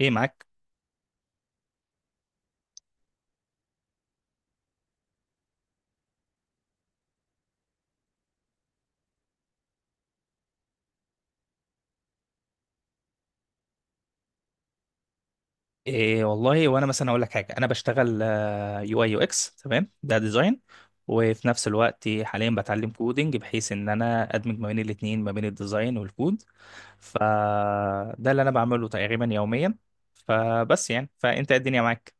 ايه معاك؟ إيه والله. وانا مثلا اقول لك حاجه، انا بشتغل يو اي يو اكس. تمام، ده ديزاين. وفي نفس الوقت حاليا بتعلم كودينج، بحيث ان انا ادمج ما بين الاثنين، ما بين الديزاين والكود. فده اللي انا بعمله تقريبا يوميا. فبس يعني، فانت إيه الدنيا معاك؟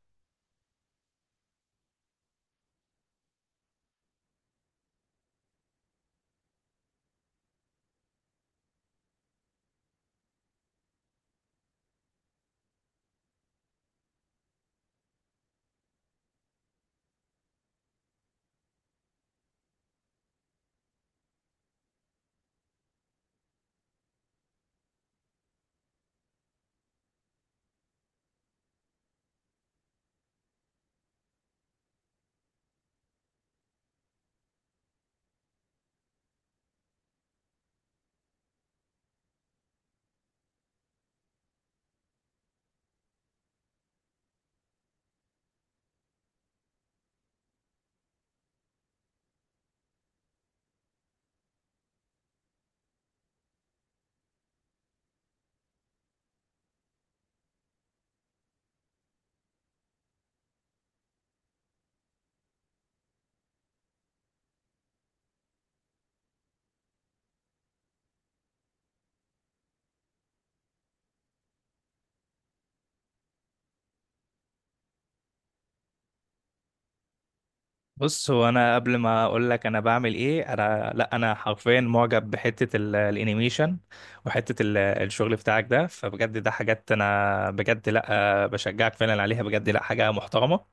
بص، هو انا قبل ما اقول لك انا بعمل ايه، انا لا، انا حرفيا معجب بحته الانيميشن، وحته الشغل بتاعك ده. فبجد ده حاجات انا بجد لا بشجعك فعلا عليها، بجد لا، حاجه محترمه.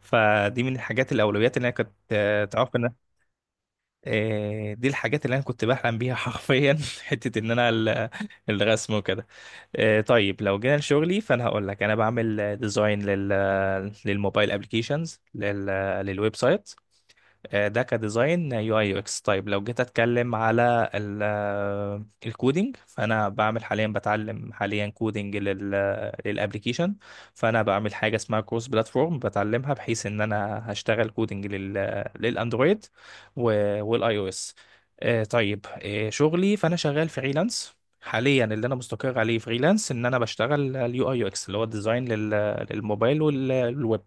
فدي من الحاجات الأولويات اللي أنا كنت، تعرف إن... دي الحاجات اللي أنا كنت بحلم بيها حرفيا. حتة إن أنا الرسم وكده. طيب لو جينا لشغلي فأنا هقول لك أنا بعمل ديزاين لل، للموبايل أبلكيشنز، للويب سايت. ده كديزاين يو اي يو اكس. طيب لو جيت اتكلم على الكودينج، فانا بعمل حاليا، بتعلم حاليا كودينج للابليكيشن. فانا بعمل حاجه اسمها كروس بلاتفورم بتعلمها، بحيث ان انا هشتغل كودينج للاندرويد والاي او اس. طيب، شغلي فانا شغال فريلانس حاليا. اللي انا مستقر عليه فريلانس ان انا بشتغل اليو اي يو اكس، اللي هو الديزاين للموبايل والويب.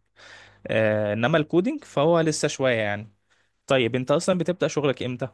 انما الكودينج فهو لسه شويه يعني. طيب انت اصلا بتبدأ شغلك امتى؟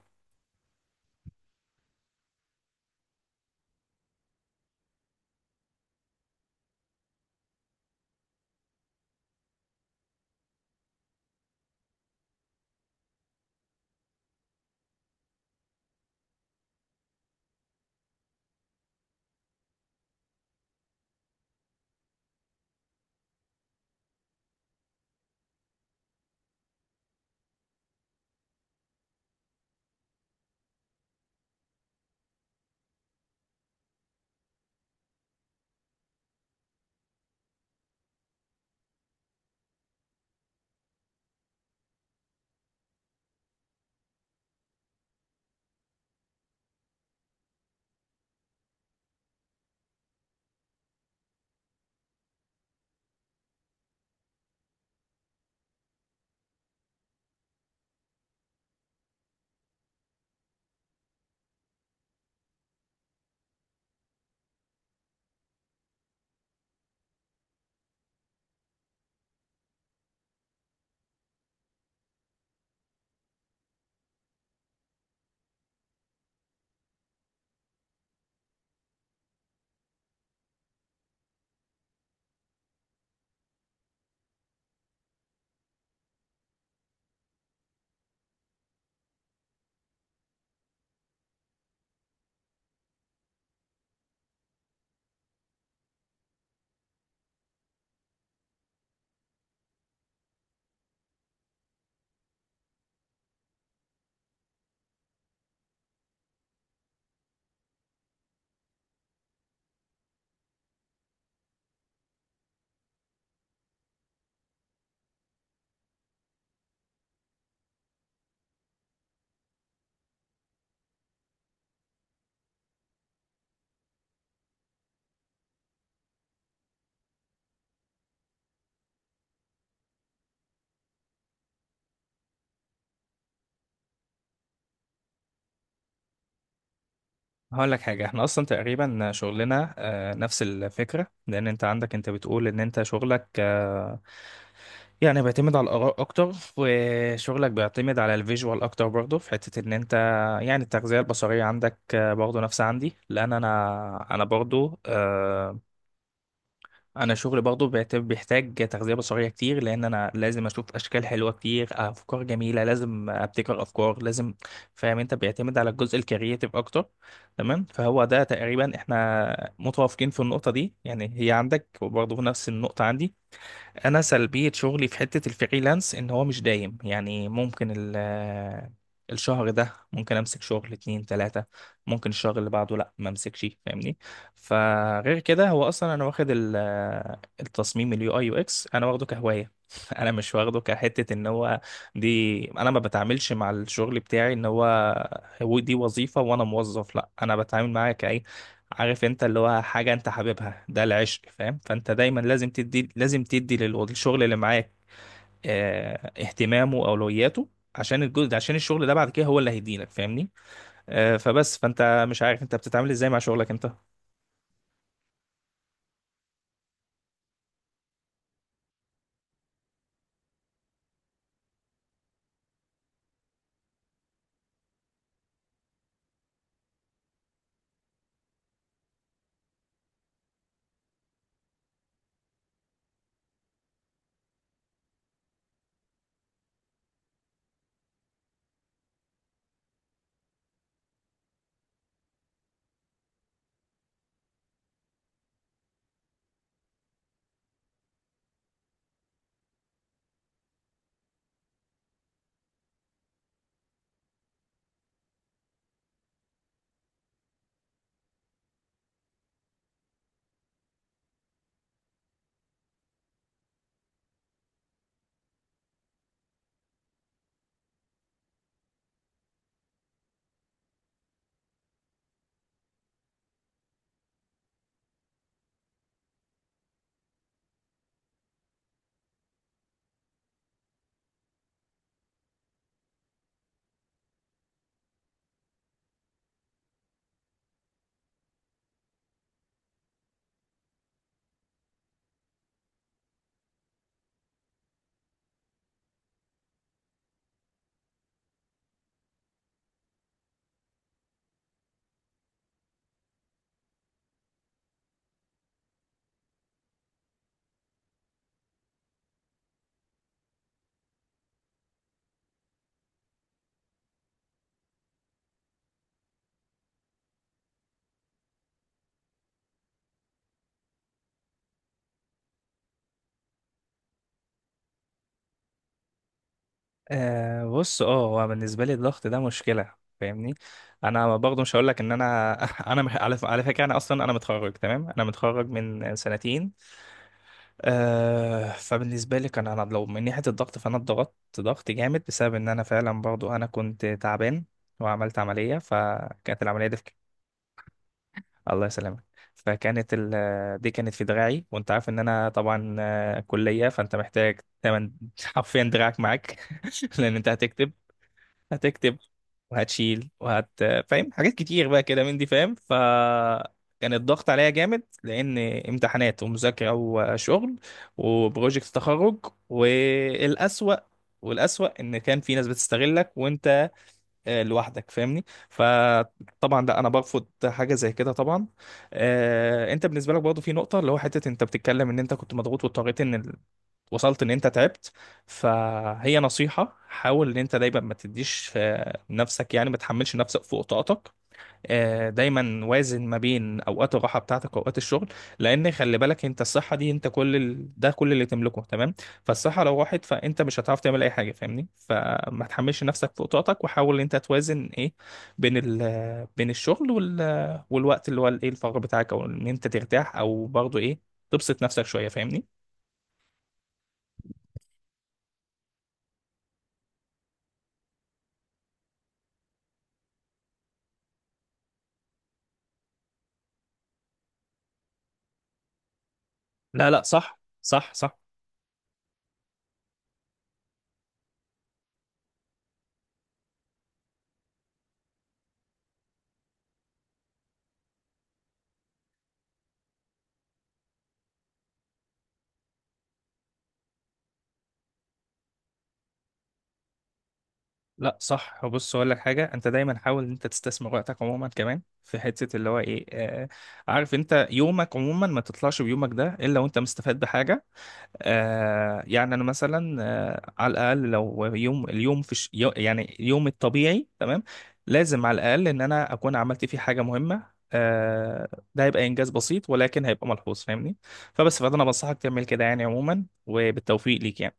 هقول لك حاجة، احنا اصلا تقريبا شغلنا نفس الفكرة. لان انت عندك، انت بتقول ان انت شغلك يعني بيعتمد على الاراء اكتر، وشغلك بيعتمد على الفيجوال اكتر برضه، في حتة ان انت يعني التغذية البصرية عندك، برضه نفس عندي، لان انا برضه، انا شغلي برضه بيحتاج تغذيه بصريه كتير، لان انا لازم اشوف اشكال حلوه كتير، افكار جميله، لازم ابتكر افكار لازم، فاهم؟ انت بيعتمد على الجزء الكرياتيف اكتر. تمام، فهو ده تقريبا احنا متوافقين في النقطه دي يعني، هي عندك وبرضه في نفس النقطه عندي. انا سلبيه شغلي في حته الفريلانس ان هو مش دايم يعني. ممكن الشهر ده ممكن امسك شغل اتنين تلاتة، ممكن الشهر اللي بعده لا، ما امسكش، فاهمني. فغير كده هو اصلا انا واخد التصميم اليو اي يو اكس، انا واخده كهواية. انا مش واخده كحتة ان هو، دي انا ما بتعاملش مع الشغل بتاعي ان هو دي وظيفة وانا موظف. لا، انا بتعامل معاه، عارف انت، اللي هو حاجة انت حاببها، ده العشق، فاهم؟ فانت دايما لازم تدي، لازم تدي للشغل اللي معاك اه، اهتمامه واولوياته، عشان الجزء ده، عشان الشغل ده بعد كده هو اللي هيديلك، فاهمني. اه، فبس، فانت مش عارف انت بتتعامل ازاي مع شغلك انت. بص، هو بالنسبه لي الضغط ده مشكله، فاهمني. انا برضه مش هقول لك ان انا... انا مح- على ف- على فكره، انا اصلا انا متخرج، تمام، انا متخرج من سنتين. فبالنسبة لي، كان أنا لو من ناحية الضغط فأنا اتضغطت ضغط جامد، بسبب إن أنا فعلا برضو أنا كنت تعبان، وعملت عملية، فكانت العملية دي في... الله يسلمك. فكانت دي كانت في دراعي، وأنت عارف إن أنا طبعا، كلية، فأنت محتاج تمن حرفيا دراعك معاك. لأن أنت هتكتب، هتكتب وهتشيل فاهم؟ حاجات كتير بقى كده من دي، فاهم، فكان الضغط عليا جامد، لان امتحانات ومذاكره وشغل وبروجكت تخرج، والاسوأ، ان كان في ناس بتستغلك وانت لوحدك، فاهمني. فطبعا لا، انا برفض حاجه زي كده طبعا. انت بالنسبه لك برضه في نقطه، اللي هو حته انت بتتكلم ان انت كنت مضغوط واضطريت ان... وصلت ان انت تعبت. فهي نصيحة، حاول ان انت دايما ما تديش نفسك، يعني ما تحملش نفسك فوق طاقتك. دايما وازن ما بين اوقات الراحة بتاعتك واوقات الشغل، لان خلي بالك انت، الصحة دي انت كل ده كل اللي تملكه، تمام. فالصحة لو راحت فانت مش هتعرف تعمل اي حاجة، فاهمني. فما تحملش نفسك فوق طاقتك، وحاول ان انت توازن ايه بين الشغل والوقت اللي هو الايه الفراغ بتاعك، او ان انت ترتاح، او برضه ايه تبسط نفسك شوية، فاهمني. لا لا، صح صح صح. لا صح، بص اقول لك حاجه. انت دايما حاول ان انت تستثمر وقتك عموما، كمان في حته اللي هو ايه، عارف انت يومك عموما ما تطلعش بيومك ده الا وانت مستفاد بحاجه. يعني انا مثلا على الاقل لو يوم اليوم يعني اليوم الطبيعي، تمام، لازم على الاقل ان انا اكون عملت فيه حاجه مهمه. آه. ده هيبقى انجاز بسيط ولكن هيبقى ملحوظ، فاهمني. فبس، فانا بنصحك تعمل كده يعني عموما، وبالتوفيق ليك يعني.